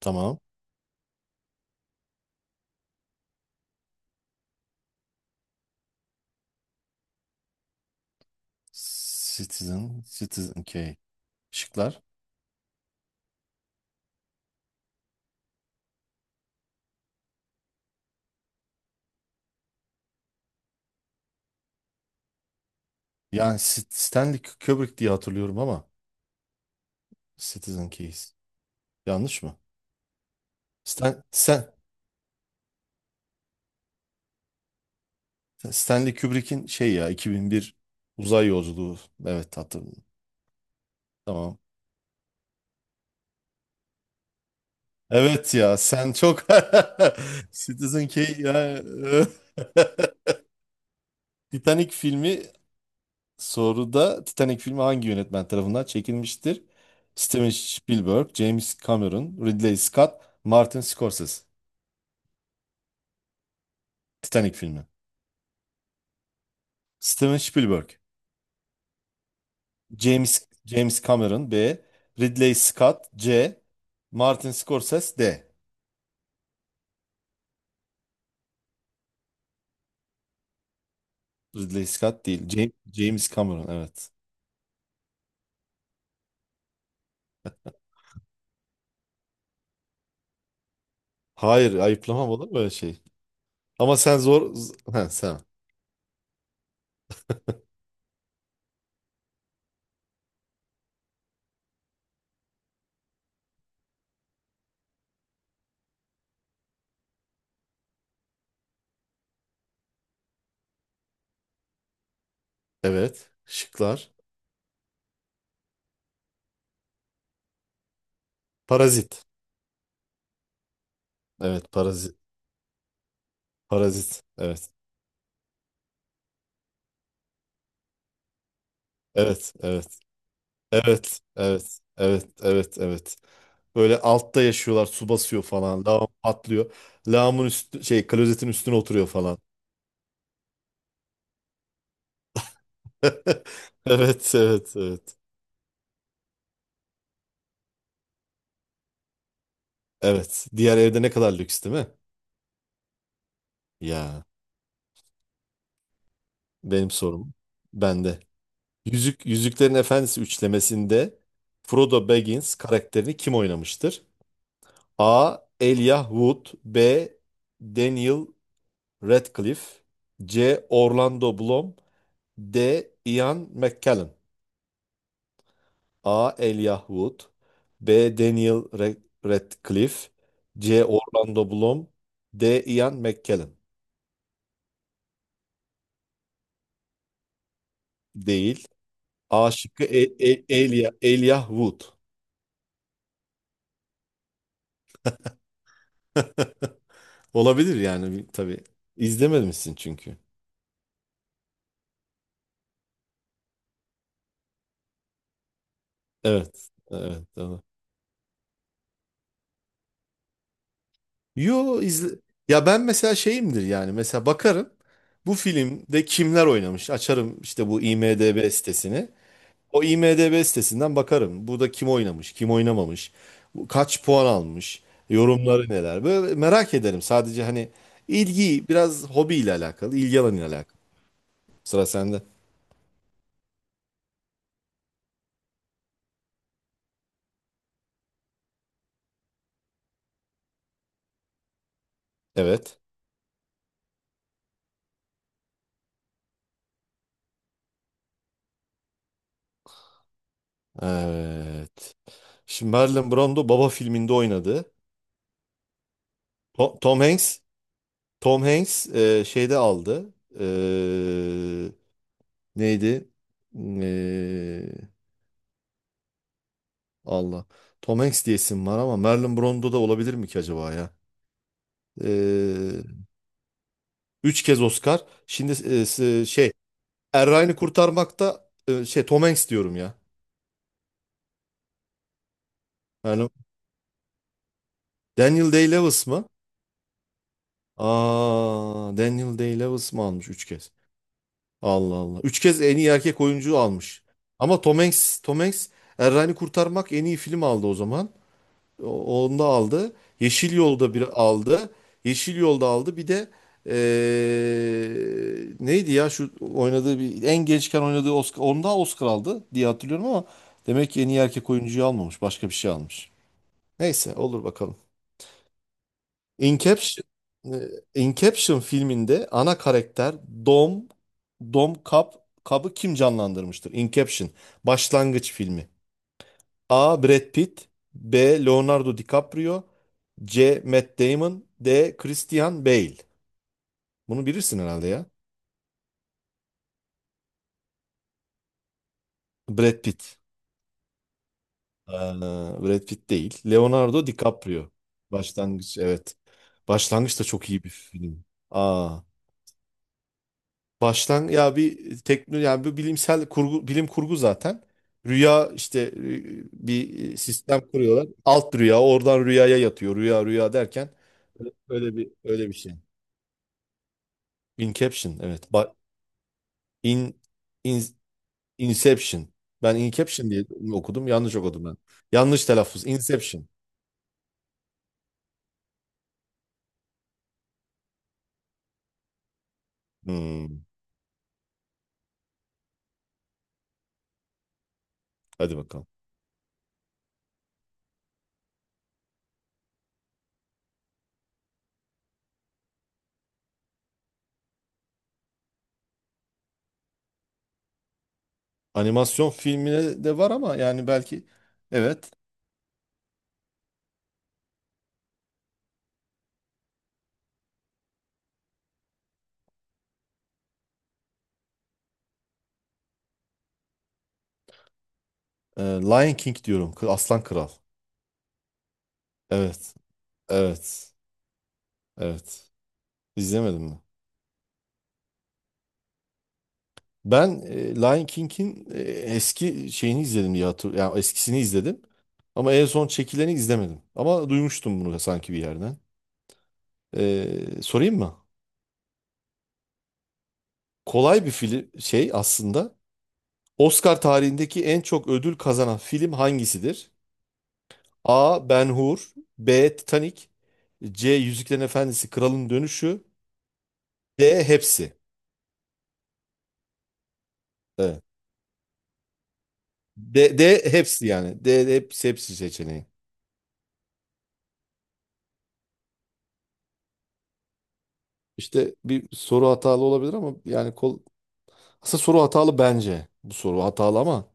Tamam. Citizen Kane. Şıklar. Yani Stanley Kubrick diye hatırlıyorum ama Citizen Kane. Yanlış mı? Stan, Stan- Stanley Kubrick'in şey ya 2001 uzay yolculuğu. Evet hatırladım. Tamam. Evet ya sen çok Citizen Kane ya. Titanic filmi soruda Titanic filmi hangi yönetmen tarafından çekilmiştir? Steven Spielberg, James Cameron, Ridley Scott, Martin Scorsese. Titanic filmi. Steven Spielberg. James James Cameron B. Ridley Scott C. Martin Scorsese D. Ridley Scott değil. James Cameron evet. Hayır, ayıplamam, olur mu öyle şey? Ama sen zor... Ha, sen. Evet. Şıklar. Parazit. Evet, parazit. Parazit. Evet. Evet. Evet. Evet. Evet. Evet. Evet. Evet. Böyle altta yaşıyorlar. Su basıyor falan. Lağım patlıyor. Lağımın üstü şey, klozetin üstüne oturuyor falan. Evet, evet, evet. Evet. Diğer evde ne kadar lüks, değil mi? Ya benim sorum bende. Yüzüklerin Efendisi üçlemesinde Frodo Baggins karakterini kim oynamıştır? A. Elijah Wood B. Daniel Radcliffe C. Orlando Bloom D. Ian McKellen. A. Elijah Wood B. Daniel Radcliffe C. Orlando Bloom D. Ian McKellen. Değil. A şıkkı, Elijah Wood. Olabilir yani, tabii. İzlememişsin çünkü. Evet. Evet. Doğru. Yo. Ya ben mesela şeyimdir, yani mesela bakarım bu filmde kimler oynamış, açarım işte bu IMDb sitesini. O IMDb sitesinden bakarım, burada kim oynamış kim oynamamış, bu kaç puan almış, yorumları neler, böyle merak ederim sadece, hani ilgi biraz hobiyle alakalı, ilgi alanıyla alakalı. Sıra sende. Evet. Evet. Şimdi Marlon Brando Baba filminde oynadı. To- Tom, Hanks Tom Hanks şeyde aldı. E, neydi? E, Allah. Tom Hanks diye isim var ama Marlon Brando da olabilir mi ki acaba ya? E, üç kez Oscar. Şimdi Er Kurtarmakta, Tom Hanks diyorum ya. Yani Daniel Day-Lewis mı? Aa, Daniel Day-Lewis mı almış üç kez? Allah Allah. Üç kez en iyi erkek oyuncu almış. Ama Tom Hanks Er Ryan'ı Kurtarmak en iyi film aldı o zaman. Onu da aldı. Yeşil Yolda bir aldı. Yeşil Yolda aldı. Bir de neydi ya, şu oynadığı bir, en gençken oynadığı Oscar. Onda Oscar aldı diye hatırlıyorum ama demek ki en iyi erkek oyuncuyu almamış. Başka bir şey almış. Neyse, olur bakalım. Inception, e, Inception filminde ana karakter Dom Dom Cobb'ı kim canlandırmıştır? Inception, başlangıç filmi. A. Brad Pitt B. Leonardo DiCaprio C. Matt Damon D. Christian Bale. Bunu bilirsin herhalde ya. Brad Pitt. Ee, Brad Pitt değil. Leonardo DiCaprio. Başlangıç, evet. Başlangıç da çok iyi bir film. Aa. Baştan ya, bir tekno, yani bir bilimsel kurgu, bilim kurgu zaten. Rüya işte, bir sistem kuruyorlar. Alt rüya, oradan rüyaya yatıyor. Rüya rüya derken öyle bir şey. Inception, evet. Ba in, in Inception. Ben Inception diye okudum. Yanlış okudum ben. Yanlış telaffuz. Inception. Hmm. Hadi bakalım. Animasyon filmine de var ama yani belki, evet. Lion King diyorum. Aslan Kral. Evet. Evet. Evet. İzlemedim mi? Ben Lion King'in eski şeyini izledim diye hatırlıyorum. Yani eskisini izledim. Ama en son çekileni izlemedim. Ama duymuştum bunu sanki bir yerden. Sorayım mı? Kolay bir film şey aslında. Oscar tarihindeki en çok ödül kazanan film hangisidir? A. Ben-Hur B. Titanic C. Yüzüklerin Efendisi Kralın Dönüşü D. Hepsi. Evet. D hepsi yani. D, hepsi seçeneği. İşte bir soru hatalı olabilir ama yani aslında soru hatalı bence. Bu soru hatalı ama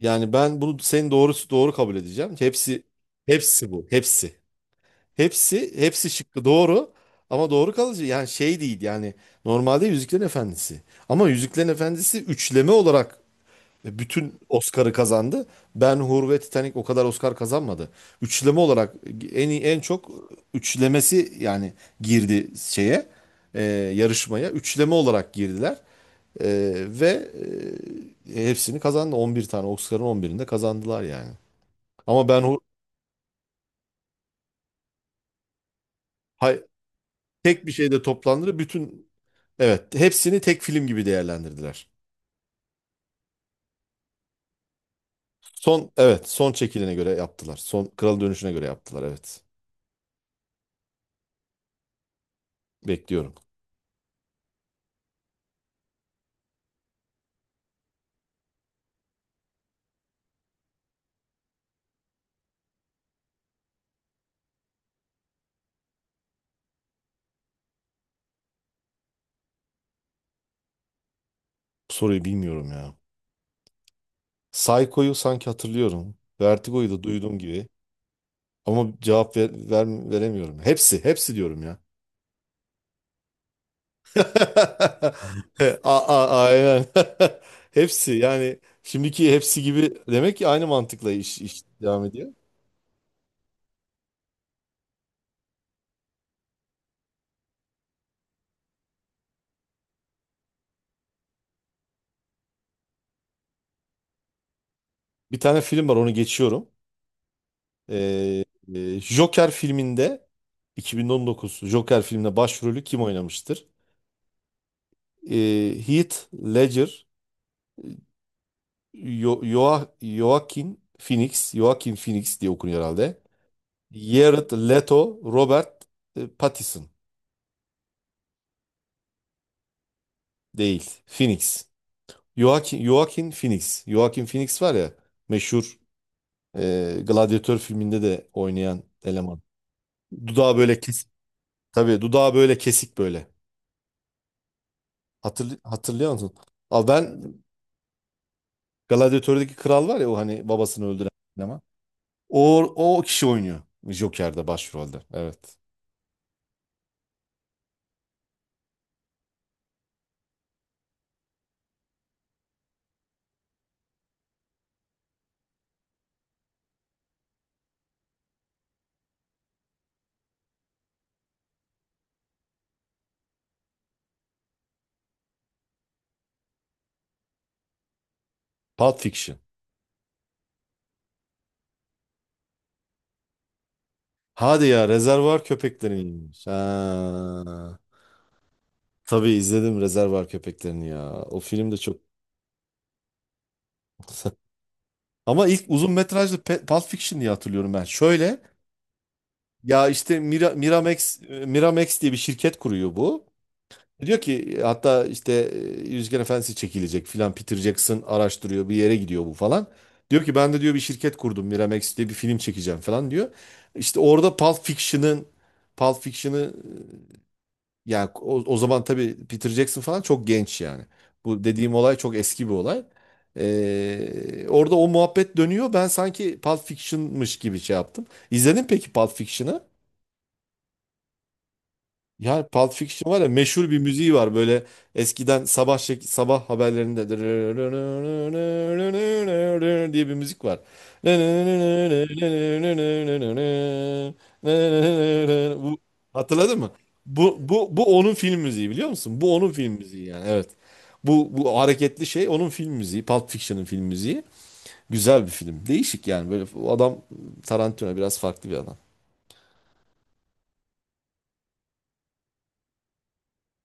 yani ben bunu senin doğrusu doğru kabul edeceğim. Hepsi bu. Hepsi. Hepsi şıkkı doğru ama doğru kalıcı yani şey değil yani, normalde Yüzüklerin Efendisi. Ama Yüzüklerin Efendisi üçleme olarak bütün Oscar'ı kazandı. Ben-Hur ve Titanic o kadar Oscar kazanmadı. Üçleme olarak en çok üçlemesi yani girdi şeye, e, yarışmaya. Üçleme olarak girdiler. Ve hepsini kazandı. 11 tane Oscar'ın 11'inde kazandılar yani. Ama ben o hay- tek bir şeyde toplandı. Bütün, evet, hepsini tek film gibi değerlendirdiler. Son, evet, son çekilene göre yaptılar. Son Kral Dönüşü'ne göre yaptılar evet. Bekliyorum. Bu soruyu bilmiyorum ya. Psycho'yu sanki hatırlıyorum. Vertigo'yu da duyduğum gibi. Ama cevap veremiyorum. Hepsi diyorum ya. Aynen. Hepsi yani, şimdiki hepsi gibi, demek ki aynı mantıkla iş devam ediyor. Bir tane film var, onu geçiyorum. Ee, e, Joker filminde 2019 Joker filminde başrolü kim oynamıştır? Heath Ledger, Yo Yoa- Joaquin Phoenix, Joaquin Phoenix diye okunuyor herhalde. Jared Leto, Robert Pattinson değil, Phoenix. Joaquin Phoenix. Joaquin Phoenix var ya, meşhur, Gladiator filminde de oynayan eleman. Dudağı böyle kesik. Tabii dudağı böyle kesik, böyle. Hatırlıyor musun? Abi ben Gladiator'daki kral var ya, o hani babasını öldüren eleman. O, o kişi oynuyor Joker'de başrolde. Evet. Pulp Fiction. Hadi ya, Rezervuar Köpekleri'niymiş. Ha. Tabii izledim Rezervuar Köpeklerini ya. O film de çok ama ilk uzun metrajlı Pulp Fiction diye hatırlıyorum ben. Şöyle ya, işte Miramax diye bir şirket kuruyor bu. Diyor ki hatta işte Yüzgen Efendisi çekilecek filan, Peter Jackson araştırıyor, bir yere gidiyor bu falan. Diyor ki ben de diyor, bir şirket kurdum Miramax diye, bir film çekeceğim falan diyor. İşte orada Pulp Fiction'ı yani, o zaman tabii Peter Jackson falan çok genç yani. Bu dediğim olay çok eski bir olay. Orada o muhabbet dönüyor. Ben sanki Pulp Fiction'mış gibi şey yaptım. İzledin peki Pulp Fiction'ı? Ya Pulp Fiction var ya, meşhur bir müziği var böyle eskiden sabah haberlerinde diye bir müzik var. Bu, hatırladın mı? Bu onun film müziği biliyor musun? Bu onun film müziği yani, evet. Bu hareketli şey onun film müziği. Pulp Fiction'ın film müziği. Güzel bir film. Değişik yani, böyle adam, Tarantino biraz farklı bir adam.